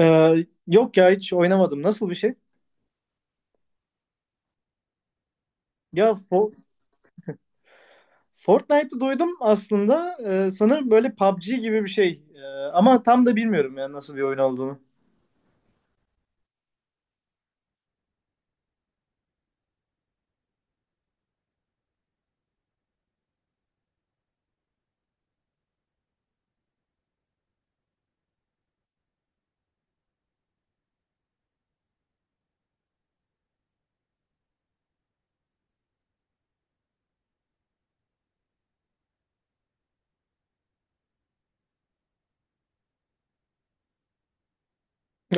Ee, yok ya hiç oynamadım. Nasıl bir şey? Ya Fortnite'ı duydum aslında. Sanırım böyle PUBG gibi bir şey. Ama tam da bilmiyorum ya nasıl bir oyun olduğunu.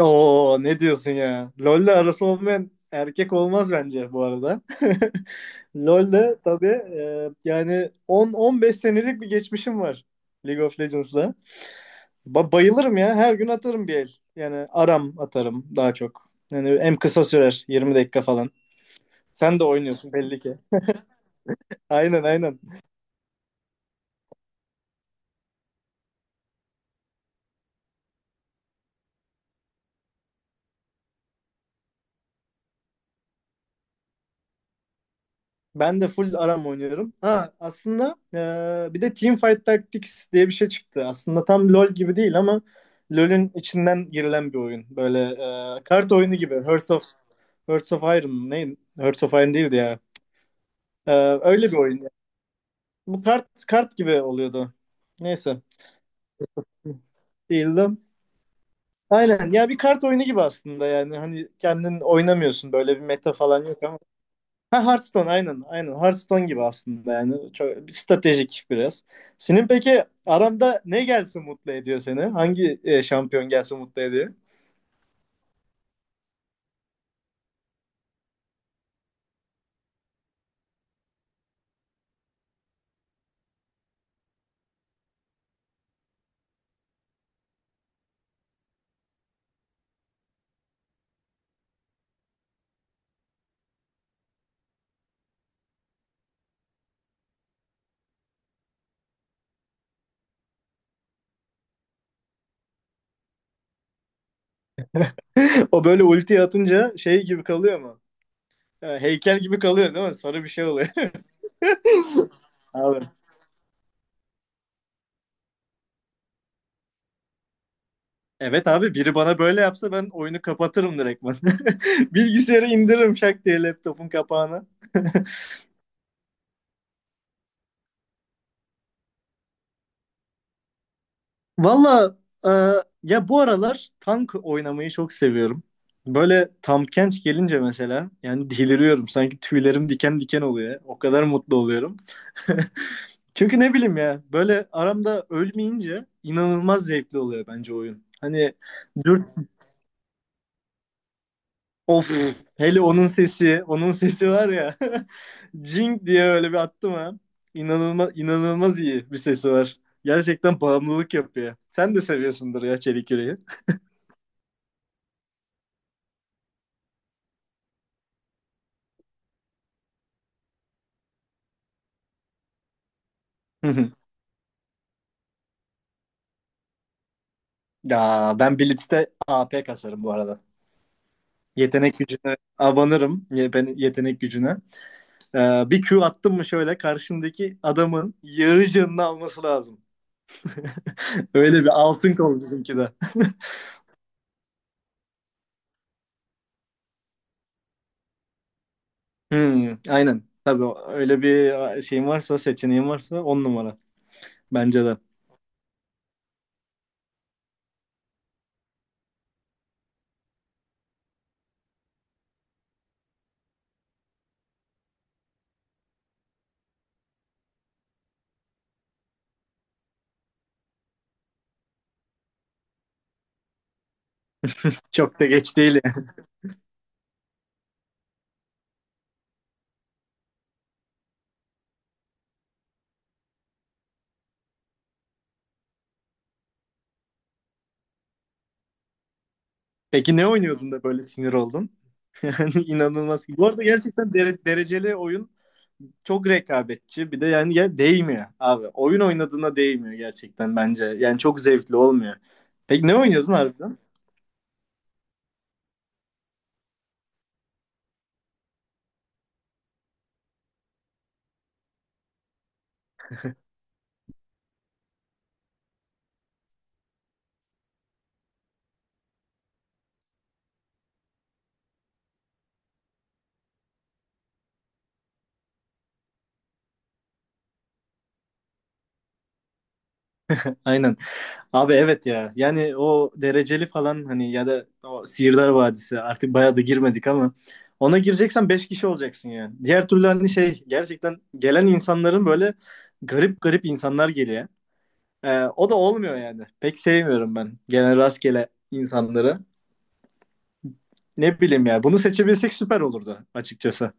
Oo, ne diyorsun ya? LoL'le arası olmayan erkek olmaz bence bu arada. LoL'le tabii yani 10-15 senelik bir geçmişim var League of Legends'la. Bayılırım ya. Her gün atarım bir el. Yani aram atarım daha çok. Yani en kısa sürer 20 dakika falan. Sen de oynuyorsun belli ki. Aynen, aynen. Ben de full ARAM oynuyorum. Ha, aslında bir de Teamfight Tactics diye bir şey çıktı. Aslında tam LoL gibi değil ama LoL'ün içinden girilen bir oyun. Böyle kart oyunu gibi. Hearts of Iron mı? Ne? Hearts of Iron değildi ya. E, öyle bir oyun. Bu kart kart gibi oluyordu. Neyse. Değildi. Aynen. Ya, bir kart oyunu gibi aslında yani. Hani kendin oynamıyorsun. Böyle bir meta falan yok. Ha, Hearthstone, aynen aynen Hearthstone gibi aslında, yani çok stratejik biraz. Senin peki aramda ne gelsin mutlu ediyor seni? Hangi şampiyon gelsin mutlu ediyor? O böyle ulti atınca şey gibi kalıyor mu? Heykel gibi kalıyor değil mi? Sarı bir şey oluyor. Abi. Evet abi, biri bana böyle yapsa ben oyunu kapatırım direktman. Bilgisayarı indiririm şak diye laptopun kapağına. Valla e, ya bu aralar tank oynamayı çok seviyorum. Böyle Tampkench gelince mesela yani deliriyorum. Sanki tüylerim diken diken oluyor. O kadar mutlu oluyorum. Çünkü ne bileyim ya, böyle aramda ölmeyince inanılmaz zevkli oluyor bence oyun. Hani dur, of, hele onun sesi, onun sesi var ya. Jing diye öyle bir attım ha. İnanılmaz, inanılmaz iyi bir sesi var. Gerçekten bağımlılık yapıyor. Sen de seviyorsundur ya Çelik Yüreği. Ya, ben Blitz'te AP kasarım bu arada. Yetenek gücüne abanırım. Ben yetenek gücüne. Bir Q attım mı şöyle karşındaki adamın yarı canını alması lazım. Öyle bir altın kol bizimki de. Hmm, aynen. Tabii öyle bir şeyin varsa, seçeneğin varsa on numara. Bence de. Çok da geç değil yani. Peki ne oynuyordun da böyle sinir oldun? Yani inanılmaz. Bu arada gerçekten dereceli oyun çok rekabetçi. Bir de yani, ya değmiyor abi. Oyun oynadığına değmiyor gerçekten bence. Yani çok zevkli olmuyor. Peki ne oynuyordun harbiden? Aynen. Abi, evet ya. Yani o dereceli falan, hani, ya da o Sihirdar Vadisi artık, bayağı da girmedik ama ona gireceksen 5 kişi olacaksın yani. Diğer türlü hani şey, gerçekten gelen insanların böyle, garip garip insanlar geliyor. O da olmuyor yani. Pek sevmiyorum ben genel rastgele insanları. Ne bileyim ya. Bunu seçebilsek süper olurdu açıkçası.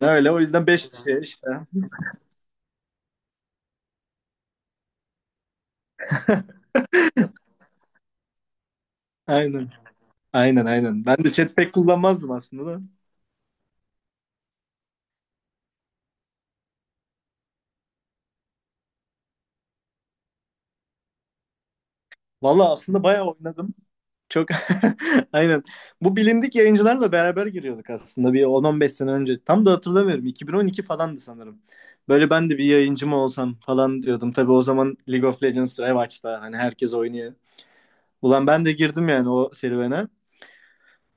Öyle, o yüzden 5 kişi işte. Aynen. Aynen, aynen. Ben de chat pek kullanmazdım aslında da. Valla, aslında bayağı oynadım. Çok. Aynen. Bu bilindik yayıncılarla beraber giriyorduk aslında, bir 10-15 sene önce. Tam da hatırlamıyorum. 2012 falandı sanırım. Böyle ben de bir yayıncı mı olsam falan diyordum. Tabii o zaman League of Legends revaç'ta, hani herkes oynuyor. Ulan, ben de girdim yani o serüvene.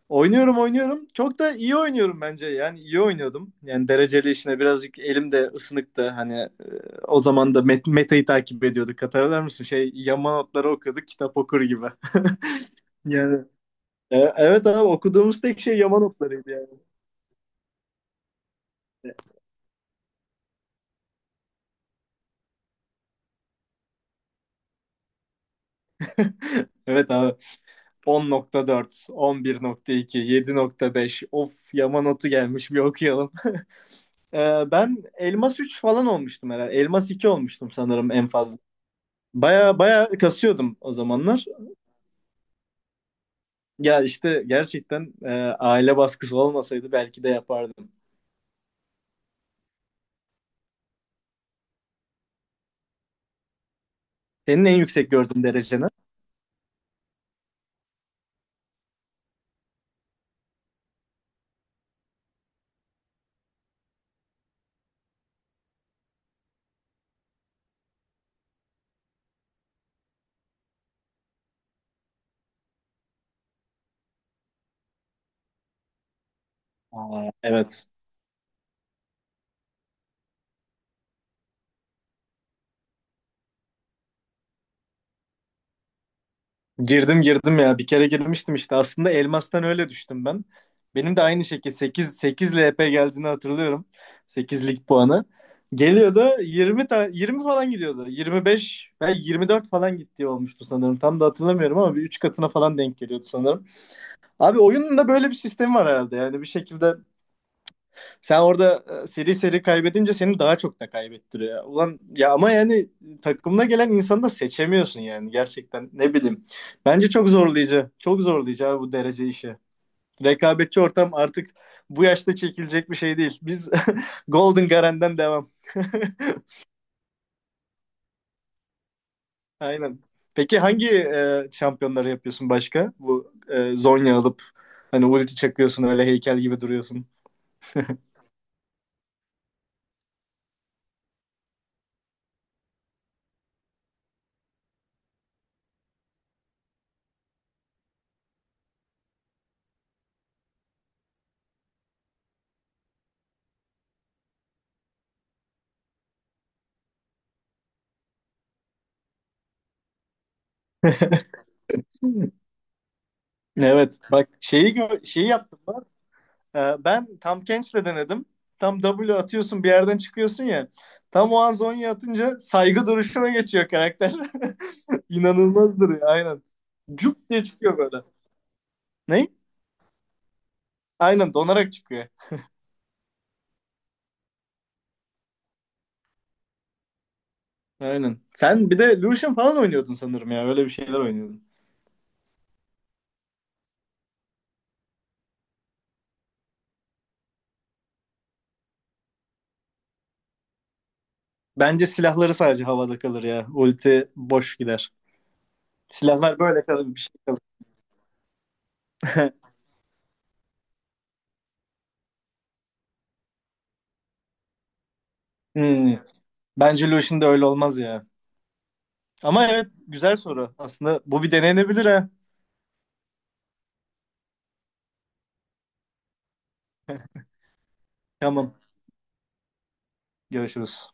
Oynuyorum, oynuyorum. Çok da iyi oynuyorum bence. Yani iyi oynuyordum. Yani dereceli işine birazcık elim de ısınıktı. Hani o zaman da metayı takip ediyorduk. Hatırlar mısın? Şey, yama notları okuduk kitap okur gibi. Yani evet abi, okuduğumuz tek şey yama notlarıydı yani. Evet abi, 10.4, 11.2, 7.5 of, yama notu gelmiş bir okuyalım. Ben Elmas 3 falan olmuştum herhalde. Elmas 2 olmuştum sanırım en fazla. Baya baya kasıyordum o zamanlar. Ya işte gerçekten aile baskısı olmasaydı belki de yapardım. Senin en yüksek gördüğün dereceni. Aa, evet. Girdim, girdim ya. Bir kere girmiştim işte. Aslında elmastan öyle düştüm ben. Benim de aynı şekilde sekiz, 8 LP geldiğini hatırlıyorum. Sekizlik puanı geliyordu. 20, ta 20 falan gidiyordu. 25 ve 24 falan gittiği olmuştu sanırım. Tam da hatırlamıyorum ama bir 3 katına falan denk geliyordu sanırım. Abi, oyunun da böyle bir sistemi var herhalde. Yani bir şekilde sen orada seri seri kaybedince seni daha çok da kaybettiriyor. Ulan ya, ama yani takımına gelen insanı da seçemiyorsun yani, gerçekten ne bileyim. Bence çok zorlayıcı. Çok zorlayıcı abi bu derece işi. Rekabetçi ortam artık bu yaşta çekilecek bir şey değil. Biz. Golden Garen'den devam. Aynen. Peki hangi şampiyonları yapıyorsun başka? Bu Zonya alıp hani ulti çakıyorsun öyle heykel gibi duruyorsun. Evet bak, şeyi yaptım. Ben tam Kench'le denedim. Tam W atıyorsun bir yerden çıkıyorsun ya. Tam o an Zonya atınca saygı duruşuna geçiyor karakter. İnanılmaz duruyor, aynen. Cuk diye çıkıyor böyle. Ne? Aynen, donarak çıkıyor. Aynen. Sen bir de Lucian falan oynuyordun sanırım ya. Öyle bir şeyler oynuyordun. Bence silahları sadece havada kalır ya. Ulti boş gider. Silahlar böyle kalır, bir şey kalır. Hmm. Bence Lucian'da öyle olmaz ya. Ama evet, güzel soru. Aslında bu bir denenebilir ha. Tamam. Görüşürüz.